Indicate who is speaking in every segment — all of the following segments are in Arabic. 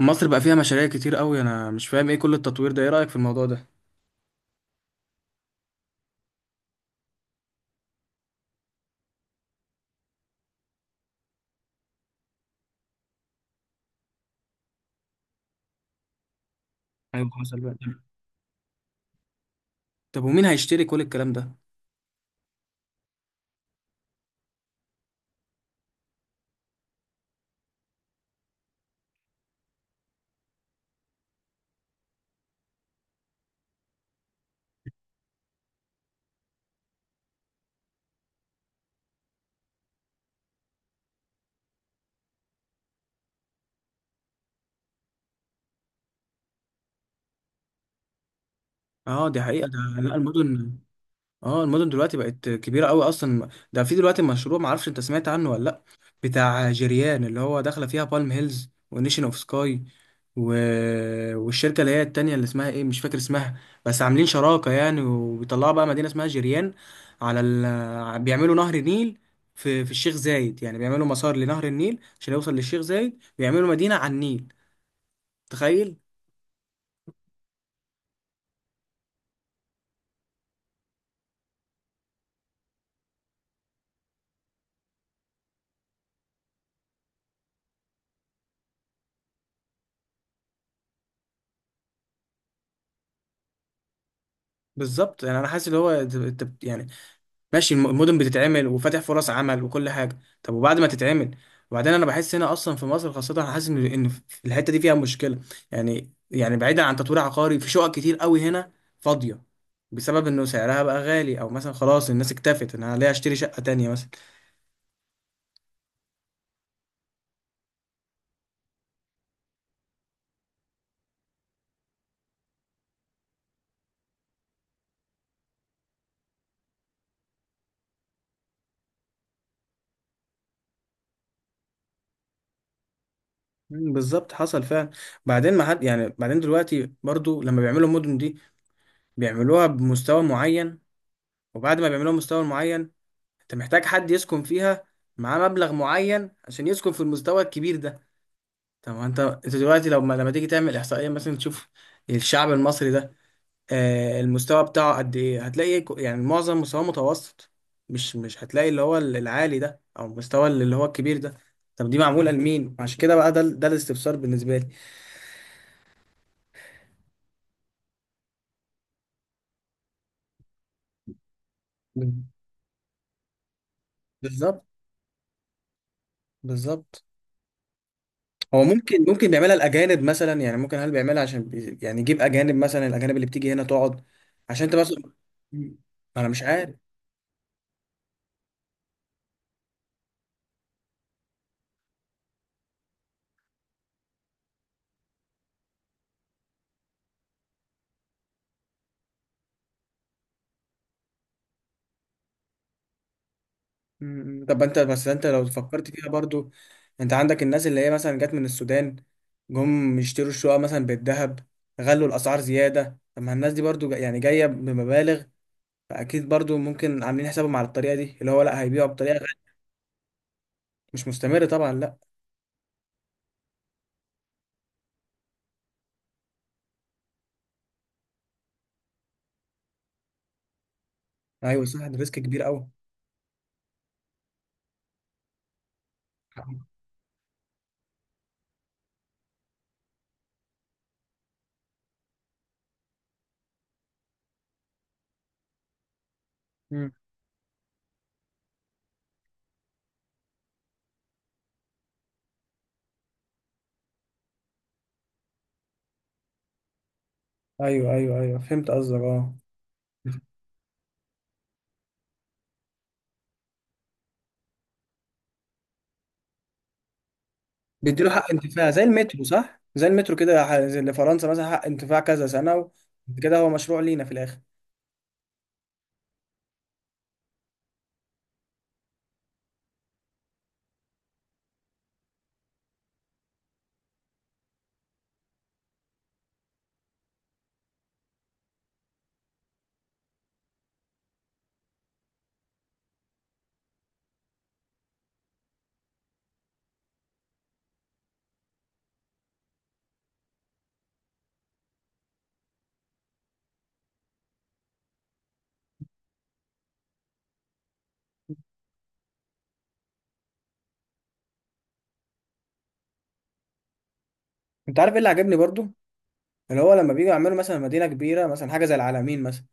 Speaker 1: مصر بقى فيها مشاريع كتير قوي، انا مش فاهم ايه كل التطوير ده. ايه رأيك في الموضوع ده؟ ايوه، حصل بقى. طب طب ومين هيشتري كل الكلام ده؟ اه، دي حقيقة. ده لا، المدن. اه، المدن دلوقتي بقت كبيره قوي اصلا. ده في دلوقتي مشروع معرفش انت سمعت عنه ولا لا، بتاع جيريان اللي هو داخله فيها بالم هيلز ونيشن اوف سكاي، و... والشركه اللي هي التانية اللي اسمها ايه، مش فاكر اسمها، بس عاملين شراكه يعني وبيطلعوا بقى مدينه اسمها جيريان. على بيعملوا نهر النيل في في الشيخ زايد. يعني بيعملوا مسار لنهر النيل عشان يوصل للشيخ زايد، بيعملوا مدينه على النيل. تخيل. بالظبط، يعني انا حاسس اللي هو يعني ماشي. المدن بتتعمل وفاتح فرص عمل وكل حاجه، طب وبعد ما تتعمل؟ وبعدين انا بحس هنا اصلا في مصر خاصه، انا حاسس ان في الحته دي فيها مشكله. يعني بعيدا عن تطوير عقاري، في شقق كتير قوي هنا فاضيه بسبب انه سعرها بقى غالي، او مثلا خلاص الناس اكتفت ان انا ليه اشتري شقه تانية مثلا. بالظبط، حصل فعلا. بعدين ما حد، يعني بعدين دلوقتي برضو لما بيعملوا المدن دي بيعملوها بمستوى معين، وبعد ما بيعملوها بمستوى معين انت محتاج حد يسكن فيها، معاه مبلغ معين عشان يسكن في المستوى الكبير ده. طب ما انت، انت دلوقتي لو ما... لما تيجي تعمل احصائيه مثلا تشوف الشعب المصري ده، آه، المستوى بتاعه قد ايه، هتلاقي يعني معظم مستواه متوسط. مش هتلاقي اللي هو العالي ده او المستوى اللي هو الكبير ده. طب دي معموله لمين عشان كده؟ بقى ده ده الاستفسار بالنسبه لي. بال- بالظبط. بالظبط. هو ممكن بيعملها الاجانب مثلا، يعني ممكن، هل بيعملها عشان يعني يجيب اجانب مثلا، الاجانب اللي بتيجي هنا تقعد عشان انت مثلا. مم. انا مش عارف. مم. طب انت بس انت لو فكرت فيها برضو، انت عندك الناس اللي هي مثلا جت من السودان، جم يشتروا الشقق مثلا بالذهب، غلوا الاسعار زياده. طب ما الناس دي برضو يعني جايه بمبالغ، فاكيد برضو ممكن عاملين حسابهم على الطريقه دي اللي هو لا، هيبيعوا بطريقه غالية. مش مستمر طبعا، لا. ايوه صح، ده ريسك كبير قوي. مم. ايوه ايوه ايوه، فهمت قصدك، اه. بيديله حق انتفاع زي المترو، صح؟ زي المترو كده، زي اللي فرنسا مثلا، حق انتفاع كذا سنه كده هو مشروع لينا في الاخر. انت عارف ايه اللي عجبني برضو؟ اللي هو لما بيجوا يعملوا مثلا مدينة كبيرة، مثلا حاجة زي العلمين مثلا،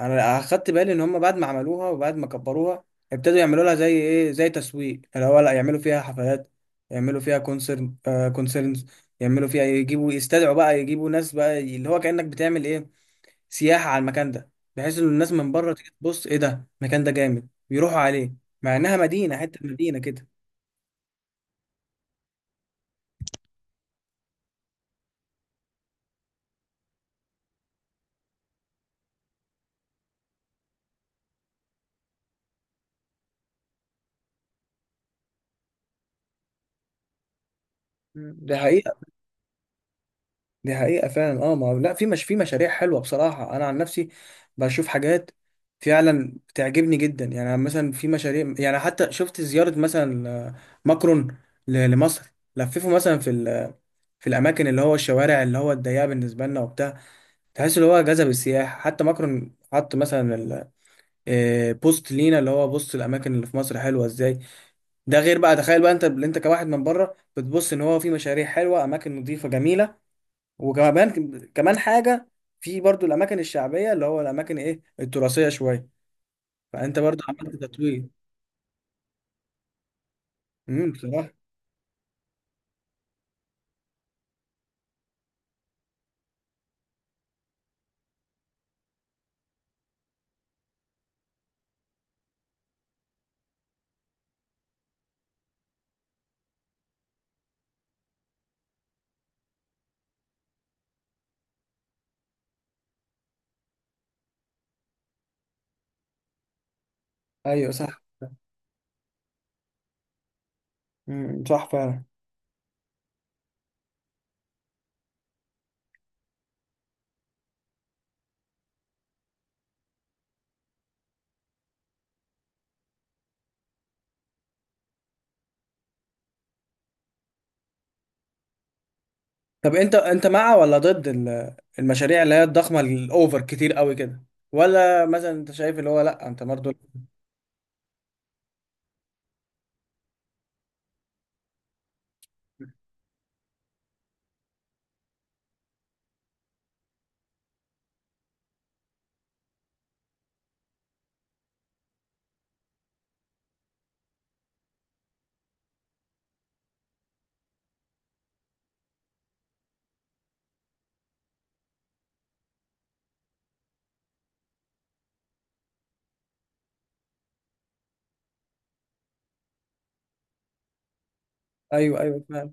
Speaker 1: انا اخدت بالي ان هم بعد ما عملوها وبعد ما كبروها ابتدوا يعملوا لها زي ايه، زي تسويق. اللي هو لا، يعملوا فيها حفلات، يعملوا فيها كونسرن، كونسرنز، يعملوا فيها، يجيبوا يستدعوا بقى، يجيبوا ناس بقى اللي هو كأنك بتعمل ايه، سياحة على المكان ده، بحيث ان الناس من بره تيجي تبص ايه ده، المكان ده جامد، بيروحوا عليه، مع انها مدينة، حتة مدينة كده. مم. ده حقيقي. دي حقيقة فعلا، اه. ما هو- لا، في، مش في مشاريع حلوة بصراحة. انا عن نفسي بشوف حاجات فعلا بتعجبني جدا، يعني مثلا في مشاريع، يعني حتى شفت زيارة مثلا، ماكرون لمصر، لففه مثلا في في الاماكن اللي هو الشوارع اللي هو الضيقة بالنسبة لنا وبتاع، تحس اللي هو جذب السياح. حتى ماكرون حط مثلا بوست لينا اللي هو بص، الاماكن اللي في مصر حلوة ازاي. ده غير بقى، تخيل بقى انت اللي انت كواحد من بره بتبص ان هو في مشاريع حلوة، اماكن نظيفة جميلة. وكمان كمان حاجة، في برضو الأماكن الشعبية اللي هو الأماكن إيه التراثية شوية، فأنت برضو عملت تطوير. امم، بصراحة. أيوه صح. امم، صح فعلا. طب أنت، أنت مع ولا ضد المشاريع اللي هي الضخمة الأوفر كتير قوي كده؟ ولا مثلا أنت شايف اللي هو لأ أنت برضو؟ أيوه أيوه فعلا.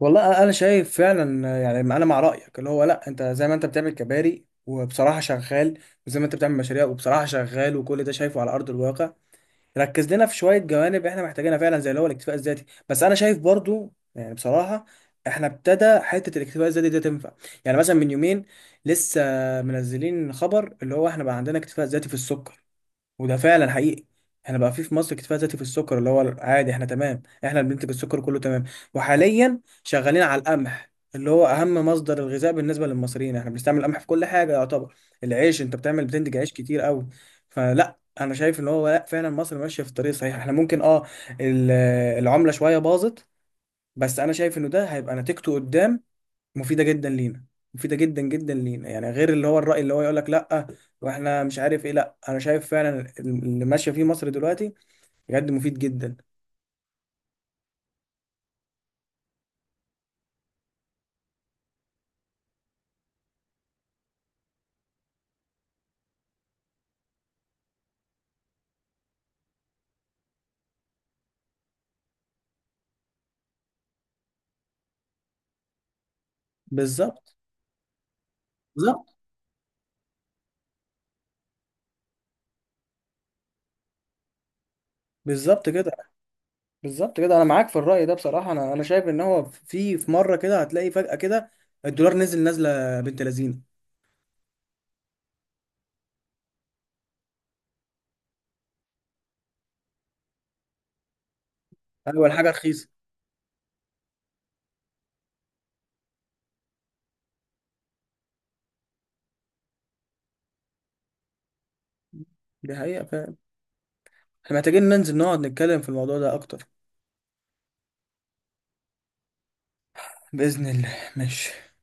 Speaker 1: والله أنا شايف فعلا. يعني أنا مع رأيك اللي هو لأ، أنت زي ما أنت بتعمل كباري وبصراحة شغال، وزي ما أنت بتعمل مشاريع وبصراحة شغال وكل ده شايفه على أرض الواقع، ركز لنا في شويه جوانب احنا محتاجينها فعلا زي اللي هو الاكتفاء الذاتي. بس انا شايف برضو يعني بصراحه احنا ابتدى حته الاكتفاء الذاتي ده تنفع. يعني مثلا من يومين لسه منزلين خبر اللي هو احنا بقى عندنا اكتفاء ذاتي في السكر، وده فعلا حقيقي. احنا بقى في في مصر اكتفاء ذاتي في السكر، اللي هو عادي، احنا تمام. احنا اللي بننتج السكر كله، تمام. وحاليا شغالين على القمح اللي هو اهم مصدر الغذاء بالنسبه للمصريين. احنا بنستعمل القمح في كل حاجه يعتبر، العيش انت بتعمل بتنتج عيش كتير قوي. فلا انا شايف ان هو لا فعلا مصر ماشيه في الطريق الصحيح. احنا ممكن اه ال- العمله شويه باظت، بس انا شايف انه ده هيبقى نتيجته قدام مفيده جدا لينا، مفيده جدا جدا لينا. يعني غير اللي هو الراي اللي هو يقول لك لا واحنا مش عارف ايه، لا انا شايف فعلا اللي ماشيه فيه مصر دلوقتي بجد مفيد جدا. بالظبط. بالظبط. بالظبط كده. بالظبط كده، انا معاك في الراي ده بصراحه. انا شايف ان هو في في مره كده هتلاقي فجاه كده الدولار نزل نازله بنت لذينه. اول حاجه رخيصه. دي حقيقه فعلا. احنا محتاجين ننزل نقعد نتكلم في الموضوع ده اكتر. باذن الله. ماشي.